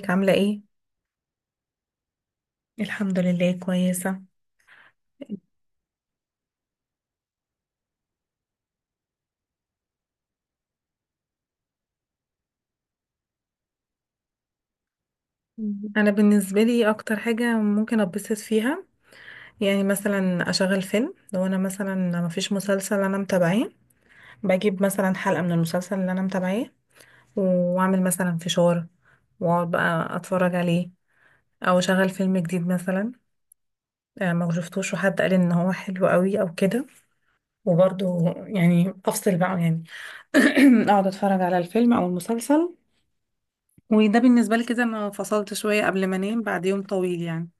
ازيك عاملة ايه؟ الحمد لله كويسة. انا بالنسبة لي اكتر حاجة ممكن اتبسط فيها، يعني مثلا اشغل فيلم. لو انا مثلا مفيش مسلسل انا متابعاه، بجيب مثلا حلقة من المسلسل اللي انا متابعاه واعمل مثلا فشار واقعد بقى اتفرج عليه، او اشغل فيلم جديد مثلا. ما شفتوش وحد قال ان هو حلو قوي او كده، وبرضه يعني افصل بقى يعني. اقعد اتفرج على الفيلم او المسلسل، وده بالنسبة لي كده انا فصلت شوية قبل ما انام بعد يوم طويل يعني.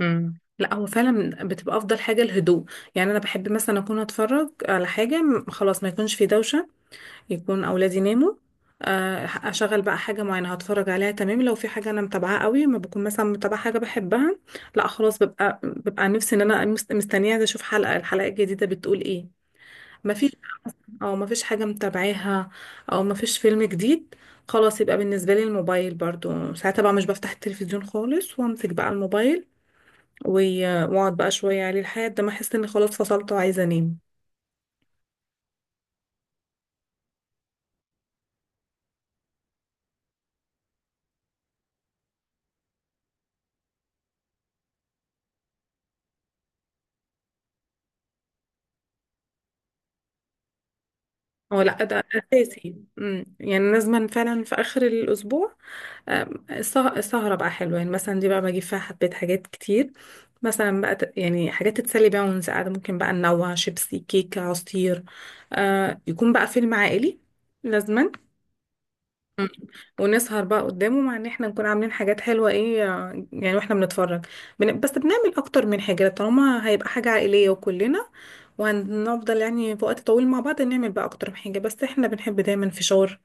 لا، هو فعلا بتبقى افضل حاجه الهدوء. يعني انا بحب مثلا اكون اتفرج على حاجه، خلاص ما يكونش في دوشه، يكون اولادي ناموا. اشغل بقى حاجه معينه هتفرج عليها. تمام، لو في حاجه انا متابعاها قوي. ما بكون مثلا متابعه حاجه بحبها، لا خلاص، ببقى نفسي ان انا مستنيه، عايزة اشوف الحلقه الجديده بتقول ايه. ما فيش او مفيش حاجة متابعاها او مفيش فيلم جديد، خلاص يبقى بالنسبة لي الموبايل برضو. ساعتها بقى مش بفتح التلفزيون خالص، وامسك بقى الموبايل و- واقعد بقى شوية عليه لحد ما احس اني خلاص فصلت وعايزة انام. هو لا، ده اساسي. يعني لازم فعلا في اخر الاسبوع. السهرة بقى حلوة، يعني مثلا دي بقى بجيب فيها حبيت حاجات كتير، مثلا بقى يعني حاجات تتسلي بيها وانت قاعدة. ممكن بقى ننوع، شيبسي، كيكة، عصير. آه، يكون بقى فيلم عائلي لازما. ونسهر بقى قدامه، مع ان احنا نكون عاملين حاجات حلوة ايه، يعني واحنا بنتفرج. بس بنعمل اكتر من حاجة طالما هيبقى حاجة عائلية وكلنا وهنفضل يعني في وقت طويل مع بعض، نعمل بقى اكتر من حاجة. بس احنا بنحب دايما فشار،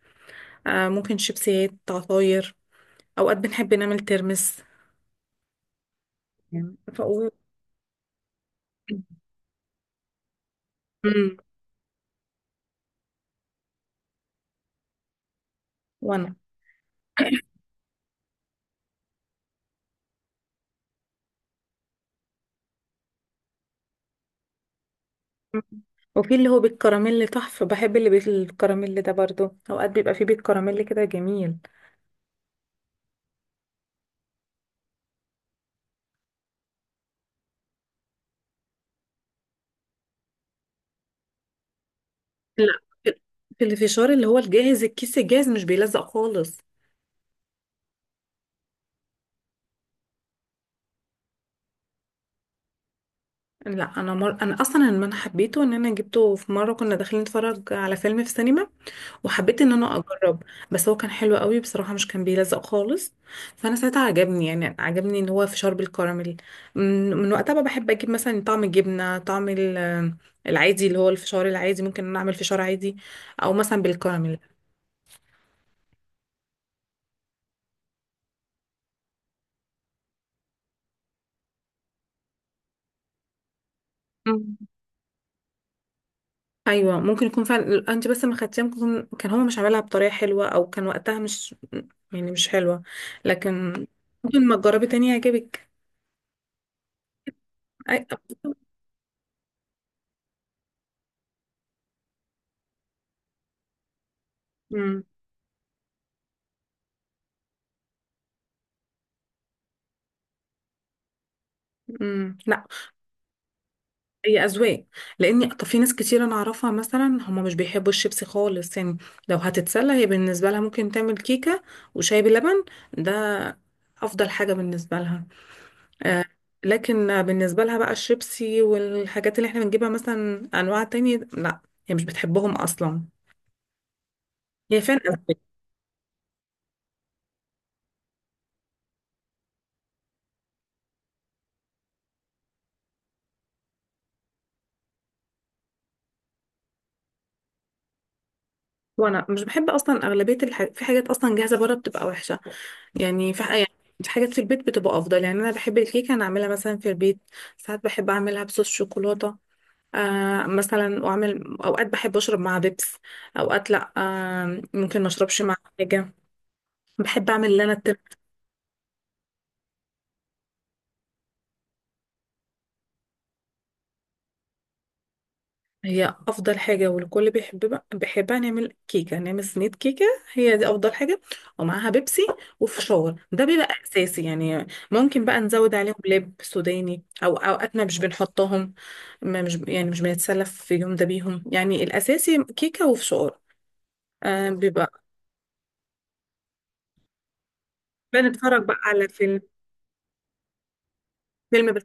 آه، ممكن شيبسيات، عصاير. اوقات بنحب نعمل ترمس. ف... و... مم. وانا مم. وفي اللي هو بالكراميل، طحف بحب اللي بالكراميل ده برضو. اوقات بيبقى فيه بالكراميل كده جميل. لا، في، في الفشار اللي هو الجاهز، الكيس الجاهز مش بيلزق خالص. لا انا انا اصلا لما انا حبيته ان انا جبته في مره كنا داخلين نتفرج على فيلم في السينما، وحبيت ان انا اجرب. بس هو كان حلو قوي بصراحه، مش كان بيلزق خالص. فانا ساعتها عجبني، يعني عجبني ان هو فشار بالكراميل. من وقتها بقى بحب اجيب مثلا طعم الجبنه، طعم العادي اللي هو الفشار العادي. ممكن إن انا اعمل فشار عادي او مثلا بالكراميل. ايوه، ممكن يكون فعلا، انت بس ما خدتيها. كان هو مش عاملها بطريقه حلوه، او كان وقتها مش يعني مش حلوه، لكن ممكن ما تجربي تاني يعجبك. أي... امم لا، هي اذواق. لاني طب في ناس كتير انا اعرفها مثلا هم مش بيحبوا الشيبسي خالص يعني. لو هتتسلى هي بالنسبه لها ممكن تعمل كيكه وشاي بلبن، ده افضل حاجه بالنسبه لها. آه، لكن بالنسبه لها بقى الشيبسي والحاجات اللي احنا بنجيبها مثلا انواع تانية، لا، هي مش بتحبهم اصلا. هي فعلا أغلبية. وانا مش بحب اصلا اغلبيه في حاجات اصلا جاهزه بره بتبقى وحشه، يعني في يعني في حاجات في البيت بتبقى افضل. يعني انا بحب الكيكه انا اعملها مثلا في البيت، ساعات بحب اعملها بصوص شوكولاته. آه مثلا، واعمل اوقات بحب اشرب مع بيبس، اوقات لا، آه، ممكن ما اشربش مع حاجه. بحب اعمل اللي انا. هي افضل حاجه والكل بيحبها، نعمل كيكه، نعمل صينيه كيكه، هي دي افضل حاجه. ومعاها بيبسي وفشار، ده بيبقى اساسي. يعني ممكن بقى نزود عليهم لب سوداني، او اوقاتنا مش بنحطهم. ما مش يعني، مش بنتسلف في اليوم ده بيهم. يعني الاساسي كيكه وفشار. آه بيبقى بنتفرج بقى على فيلم، فيلم بس.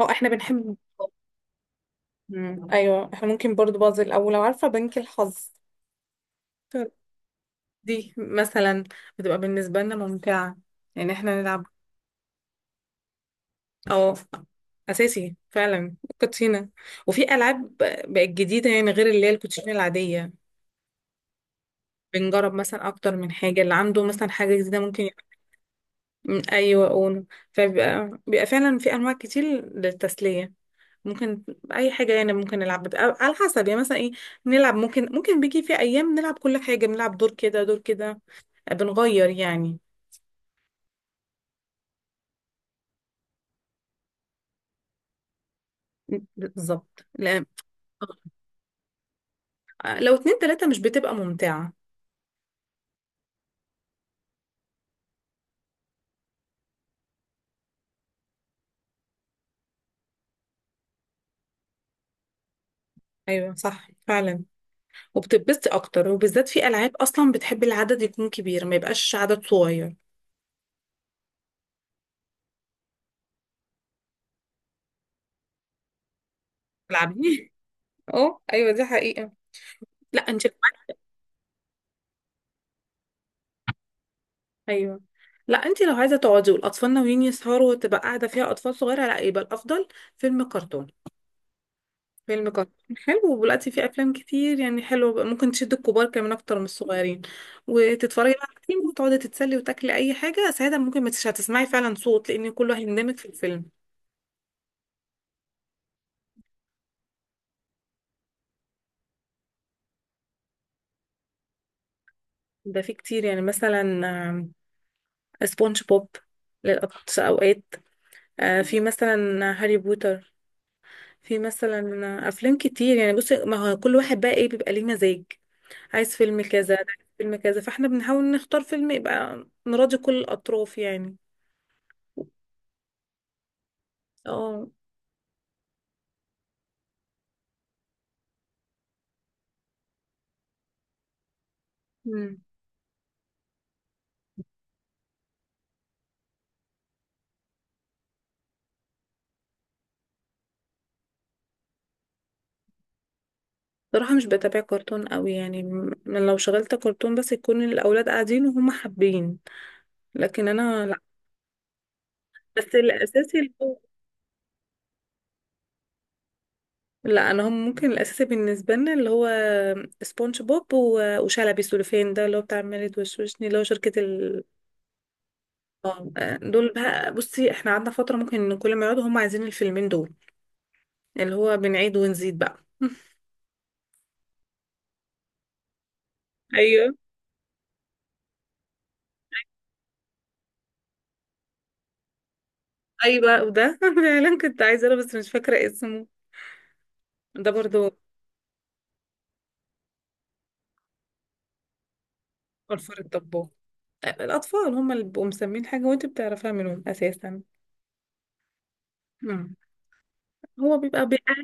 اه احنا بنحب. مم. ايوه احنا ممكن برضو بازل، او لو عارفه بنك الحظ، دي مثلا بتبقى بالنسبة لنا ممتعة، يعني احنا نلعب. اه، أساسي فعلا الكوتشينة. وفي ألعاب بقت جديدة يعني غير اللي هي الكوتشينة العادية. بنجرب مثلا أكتر من حاجة، اللي عنده مثلا حاجة جديدة ممكن يبقى. من، أيوة، أونو. فبيبقى فعلا في أنواع كتير للتسلية. ممكن أي حاجة يعني ممكن نلعب. بتبقى على حسب يعني، مثلا إيه نلعب. ممكن بيجي في أيام نلعب كل حاجة، بنلعب دور كده دور كده، بنغير يعني. بالظبط، لا، لو اتنين تلاتة مش بتبقى ممتعة. ايوه صح فعلا، وبتتبسطي اكتر، وبالذات في العاب اصلا بتحب العدد يكون كبير ما يبقاش عدد صغير. تلعبي. اه ايوه، دي حقيقة. لا انت لو عايزة- ايوه، لا، انت لو عايزة تقعدي والاطفال ناويين يسهروا وتبقى قاعدة فيها اطفال صغيرة، لا يبقى الافضل فيلم كرتون. فيلم كرتون حلو، ودلوقتي في افلام كتير يعني حلوة ممكن تشد الكبار كمان اكتر من الصغيرين. وتتفرجي بقى على فيلم وتقعدي تتسلي وتاكلي اي حاجة. ساعتها ممكن ما تش- هتسمعي فعلا صوت، لان كله هيندمج في الفيلم. ده في كتير يعني مثلا، سبونج بوب للأقصى أوقات. في مثلا هاري بوتر، في مثلا، أفلام كتير يعني. بصي، ما هو كل واحد بقى إيه بيبقى ليه مزاج، عايز فيلم كذا، ده عايز فيلم كذا، فاحنا بنحاول نختار فيلم يبقى نراضي كل الأطراف يعني. اه. مم. صراحة مش بتابع كرتون قوي يعني. لو شغلت كرتون بس يكون الأولاد قاعدين وهم حابين، لكن أنا لا. بس الأساسي، لا، انا هم ممكن الاساسي بالنسبه لنا اللي هو سبونج بوب وشلبي سوليفين، ده اللي هو بتاع مالد وشوشني، اللي هو شركه ال، اه. دول بقى، بصي احنا قعدنا فتره ممكن إن كل ما يقعدوا هم عايزين الفيلمين دول، اللي هو بنعيد ونزيد بقى. ايوه. ايوه وده فعلا كنت عايزه انا بس مش فاكره اسمه، ده برضو فلفل الطباخ. الاطفال هم اللي بيبقوا مسمين حاجه وانت بتعرفيها منهم اساسا. مم. هو بيبقى.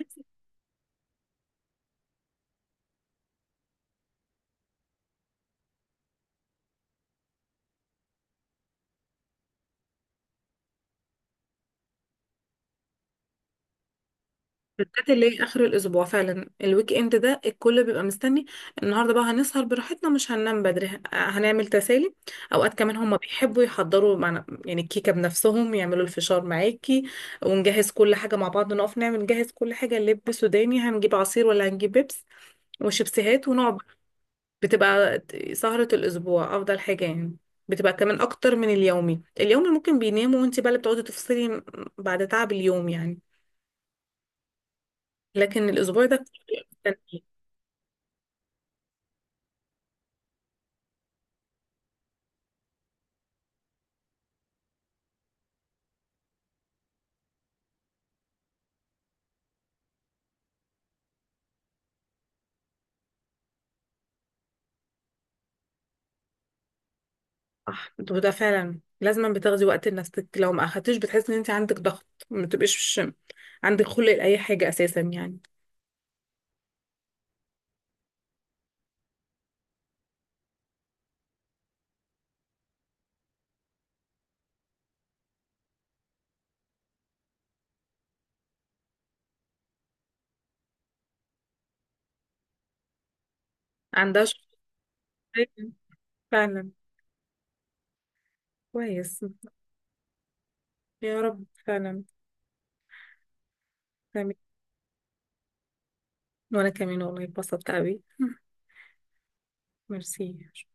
بالذات اللي هي اخر الاسبوع، فعلا الويك اند ده الكل بيبقى مستني. النهارده بقى هنسهر براحتنا، مش هننام بدري، هنعمل تسالي. اوقات كمان هم بيحبوا يحضروا معنا، يعني الكيكه بنفسهم، يعملوا الفشار معاكي ونجهز كل حاجه مع بعض، نقف نعمل نجهز كل حاجه، لب سوداني، هنجيب عصير ولا هنجيب بيبس وشيبسيهات، ونقعد. بتبقى سهره الاسبوع افضل حاجه يعني. بتبقى كمان اكتر من اليومي. اليومي ممكن بيناموا وانت بقى اللي بتقعدي تفصلي بعد تعب اليوم يعني، لكن الاسبوع ده. صح، وده فعلا لازما بتاخدي وقت لنفسك. لو ما اخدتيش بتحسي ان انت عندك ضغط، ما تبقيش عندك خلق لاي حاجه اساسا يعني. عندها شخصيه فعلا. كويس. يا رب، فعلا. تمام. وانا كمان والله اتبسطت قوي. ميرسي.